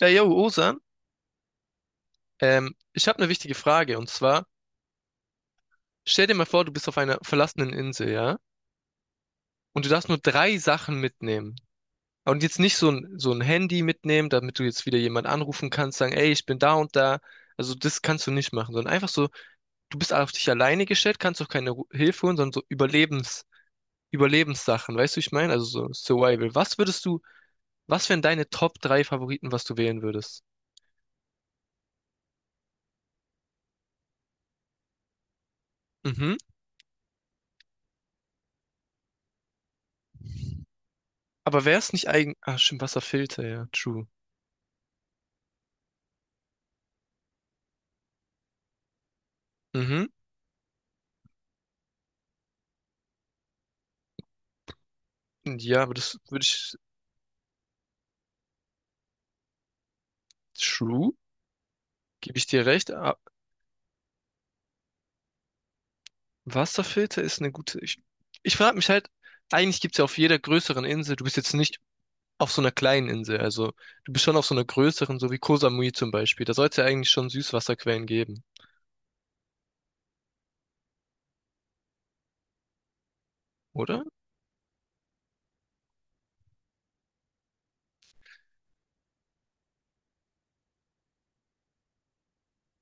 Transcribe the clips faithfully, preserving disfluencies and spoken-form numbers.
Ja, yo, Osan, ähm, ich habe eine wichtige Frage und zwar, stell dir mal vor, du bist auf einer verlassenen Insel, ja? Und du darfst nur drei Sachen mitnehmen. Und jetzt nicht so ein, so ein Handy mitnehmen, damit du jetzt wieder jemand anrufen kannst, sagen, ey, ich bin da und da. Also das kannst du nicht machen, sondern einfach so, du bist auf dich alleine gestellt, kannst auch keine Ru- Hilfe holen, sondern so Überlebens, Überlebenssachen, weißt du, wie ich meine? Also so Survival. Was würdest du, was wären deine Top drei Favoriten, was du wählen würdest? Mhm. Aber wär's nicht eigen, ah, Stimmt, Wasserfilter, ja, true. Mhm. Ja, aber das würde ich, True, gebe ich dir recht. Ah, Wasserfilter ist eine gute, ich, ich frage mich halt, eigentlich gibt es ja auf jeder größeren Insel, du bist jetzt nicht auf so einer kleinen Insel, also du bist schon auf so einer größeren, so wie Koh Samui zum Beispiel, da sollte es ja eigentlich schon Süßwasserquellen geben, oder?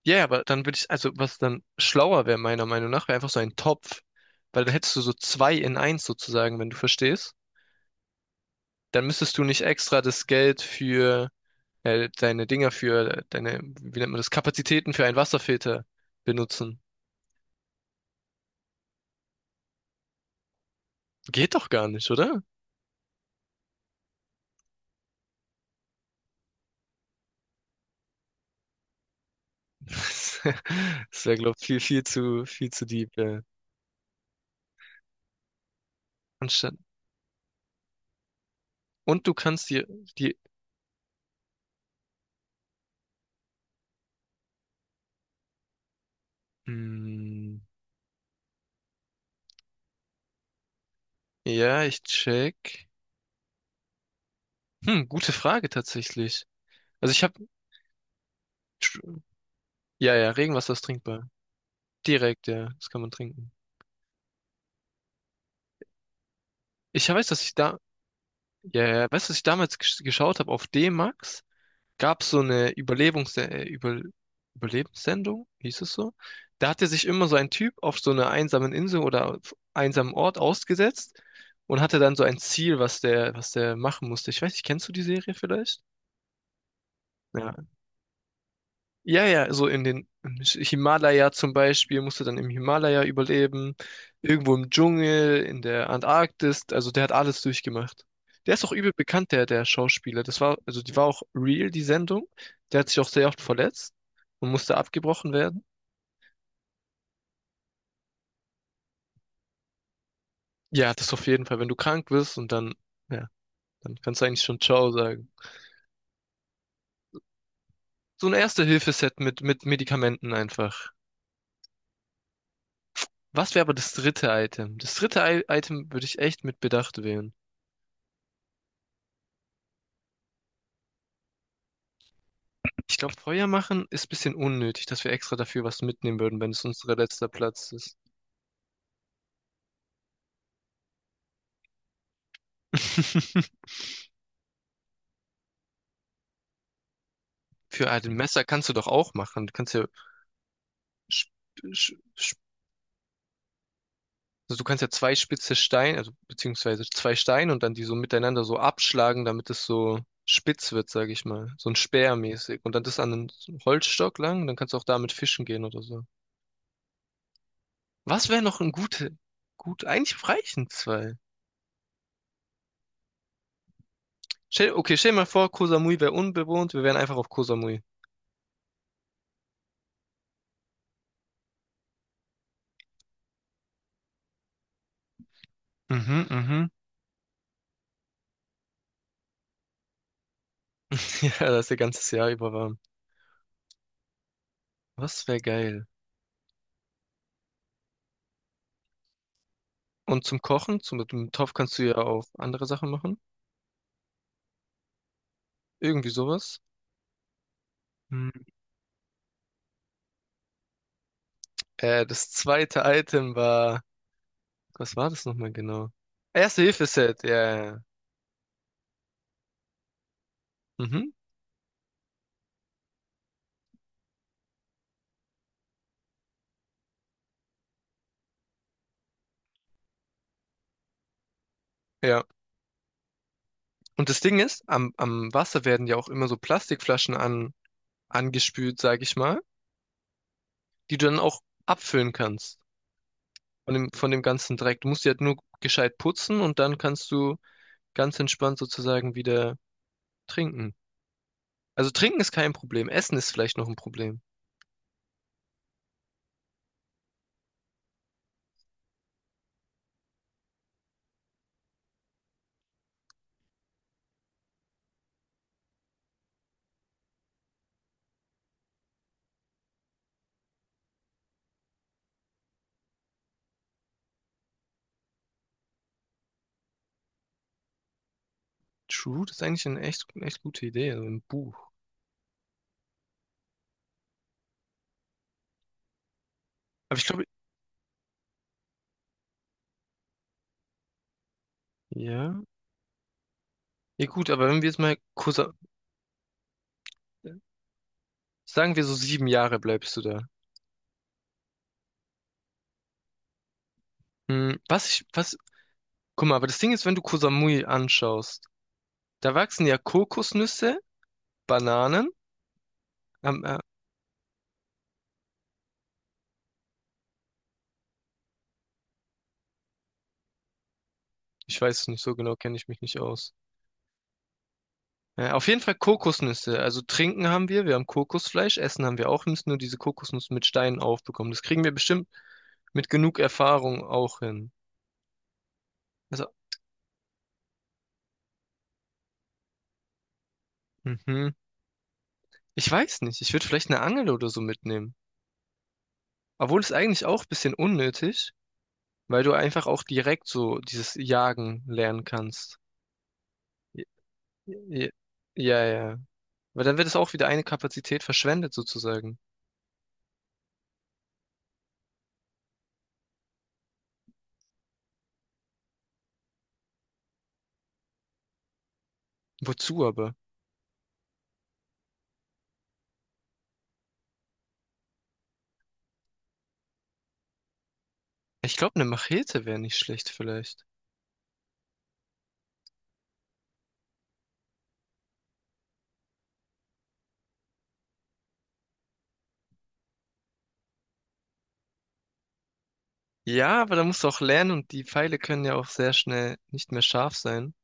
Ja, ja, aber dann würde ich, also was dann schlauer wäre meiner Meinung nach, wäre einfach so ein Topf, weil dann hättest du so zwei in eins sozusagen, wenn du verstehst. Dann müsstest du nicht extra das Geld für äh, deine Dinger für deine, wie nennt man das, Kapazitäten für einen Wasserfilter benutzen. Geht doch gar nicht, oder? Das wäre, glaube ich, viel, viel zu, viel zu deep. Äh. Anstatt. Und du kannst dir die. Hm, ja, ich check. Hm, gute Frage tatsächlich. Also ich habe. Ja, ja, Regenwasser ist trinkbar. Direkt, ja, das kann man trinken. Ich weiß, dass ich da. Ja, ja, weißt du, was ich damals gesch- geschaut habe auf D-Max? Gab es so eine Überlebungs äh, Über Überlebenssendung, hieß es so. Da hatte sich immer so ein Typ auf so einer einsamen Insel oder auf einsamen Ort ausgesetzt und hatte dann so ein Ziel, was der, was der machen musste. Ich weiß nicht, kennst du die Serie vielleicht? Ja, ja, ja, so in den im Himalaya zum Beispiel musst du dann im Himalaya überleben, irgendwo im Dschungel, in der Antarktis, also der hat alles durchgemacht. Der ist auch übel bekannt, der, der Schauspieler. Das war, also die war auch real, die Sendung. Der hat sich auch sehr oft verletzt und musste abgebrochen werden. Ja, das auf jeden Fall, wenn du krank bist und dann, ja, dann kannst du eigentlich schon Ciao sagen. So ein Erste-Hilfe-Set mit, mit Medikamenten einfach. Was wäre aber das dritte Item? Das dritte I Item würde ich echt mit Bedacht wählen. Ich glaube, Feuer machen ist ein bisschen unnötig, dass wir extra dafür was mitnehmen würden, wenn es unser letzter Platz ist. Für ah, ein Messer kannst du doch auch machen. Du kannst ja, sch- sch- sch- also du kannst ja zwei spitze Steine, also beziehungsweise zwei Steine und dann die so miteinander so abschlagen, damit es so spitz wird, sage ich mal. So ein Speer mäßig. Und dann das an einen Holzstock lang, dann kannst du auch damit fischen gehen oder so. Was wäre noch ein gute, gut, eigentlich reichen zwei. Stell- Okay, stell dir mal vor, Koh Samui wäre unbewohnt, wir wären einfach auf Koh Samui. Mhm, mhm. Ja, das ist ja ganzes Jahr über warm. Was wäre geil. Und zum Kochen, zum, mit dem Topf kannst du ja auch andere Sachen machen. Irgendwie sowas. Hm. Äh, das zweite Item war, Was war das nochmal genau? Erste-Hilfe-Set, ja, ja, ja. Mhm, ja. Und das Ding ist, am, am Wasser werden ja auch immer so Plastikflaschen an, angespült, sag ich mal, die du dann auch abfüllen kannst. Von dem, von dem ganzen Dreck. Du musst die halt nur gescheit putzen und dann kannst du ganz entspannt sozusagen wieder trinken. Also trinken ist kein Problem, Essen ist vielleicht noch ein Problem. True, das ist eigentlich eine echt, eine echt gute Idee, also ein Buch. Aber ich glaube, ja. Ja gut, aber wenn wir jetzt mal kurz, äh, sagen wir so sieben Jahre bleibst du da. Hm, was ich, was, guck mal, aber das Ding ist, wenn du Koh Samui anschaust, da wachsen ja Kokosnüsse, Bananen, ähm, äh, ich weiß es nicht so genau, kenne ich mich nicht aus. Äh, auf jeden Fall Kokosnüsse, also trinken haben wir, wir haben Kokosfleisch, essen haben wir auch, wir müssen nur diese Kokosnuss mit Steinen aufbekommen. Das kriegen wir bestimmt mit genug Erfahrung auch hin. Also, mhm. Ich weiß nicht. Ich würde vielleicht eine Angel oder so mitnehmen. Obwohl es eigentlich auch ein bisschen unnötig, weil du einfach auch direkt so dieses Jagen lernen kannst. Ja, ja, ja, ja. Weil dann wird es auch wieder eine Kapazität verschwendet sozusagen. Wozu aber? Ich glaube, eine Machete wäre nicht schlecht vielleicht. Ja, aber da musst du auch lernen und die Pfeile können ja auch sehr schnell nicht mehr scharf sein.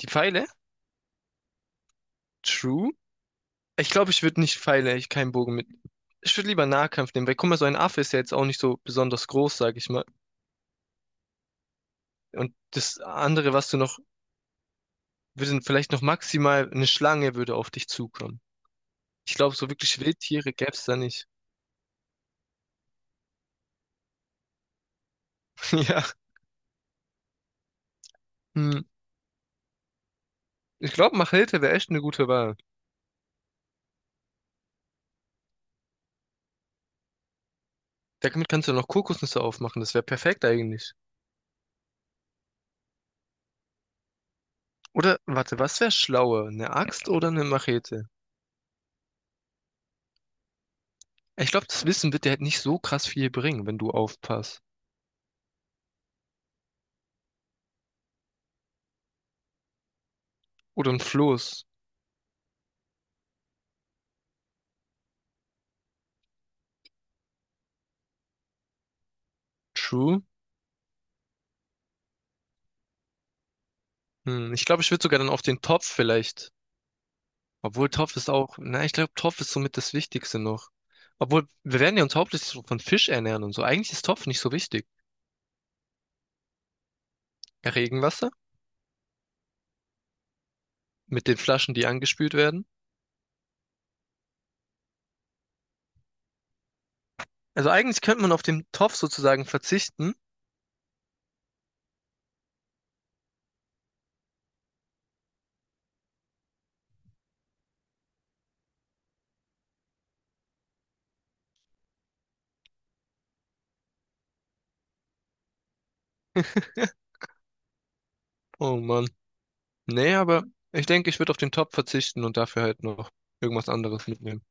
Die Pfeile? True. Ich glaube, ich würde nicht Pfeile, ich keinen Bogen mit. Ich würde lieber Nahkampf nehmen, weil guck mal, so ein Affe ist ja jetzt auch nicht so besonders groß, sag ich mal. Und das andere, was du noch, würde vielleicht noch maximal eine Schlange würde auf dich zukommen. Ich glaube, so wirklich Wildtiere gäb's da nicht. Ja. Hm. Ich glaube, Machete wäre echt eine gute Wahl. Damit kannst du noch Kokosnüsse aufmachen, das wäre perfekt eigentlich. Oder, warte, was wäre schlauer? Eine Axt oder eine Machete? Ich glaube, das Wissen wird dir halt nicht so krass viel bringen, wenn du aufpasst. Oder ein Floß. True. Hm, ich glaube, ich würde sogar dann auf den Topf vielleicht. Obwohl Topf ist auch, na, ich glaube, Topf ist somit das Wichtigste noch. Obwohl, wir werden ja uns hauptsächlich so von Fisch ernähren und so. Eigentlich ist Topf nicht so wichtig. Regenwasser mit den Flaschen, die angespült werden. Also eigentlich könnte man auf den Topf sozusagen verzichten. Oh Mann. Nee, aber ich denke, ich würde auf den Topf verzichten und dafür halt noch irgendwas anderes mitnehmen.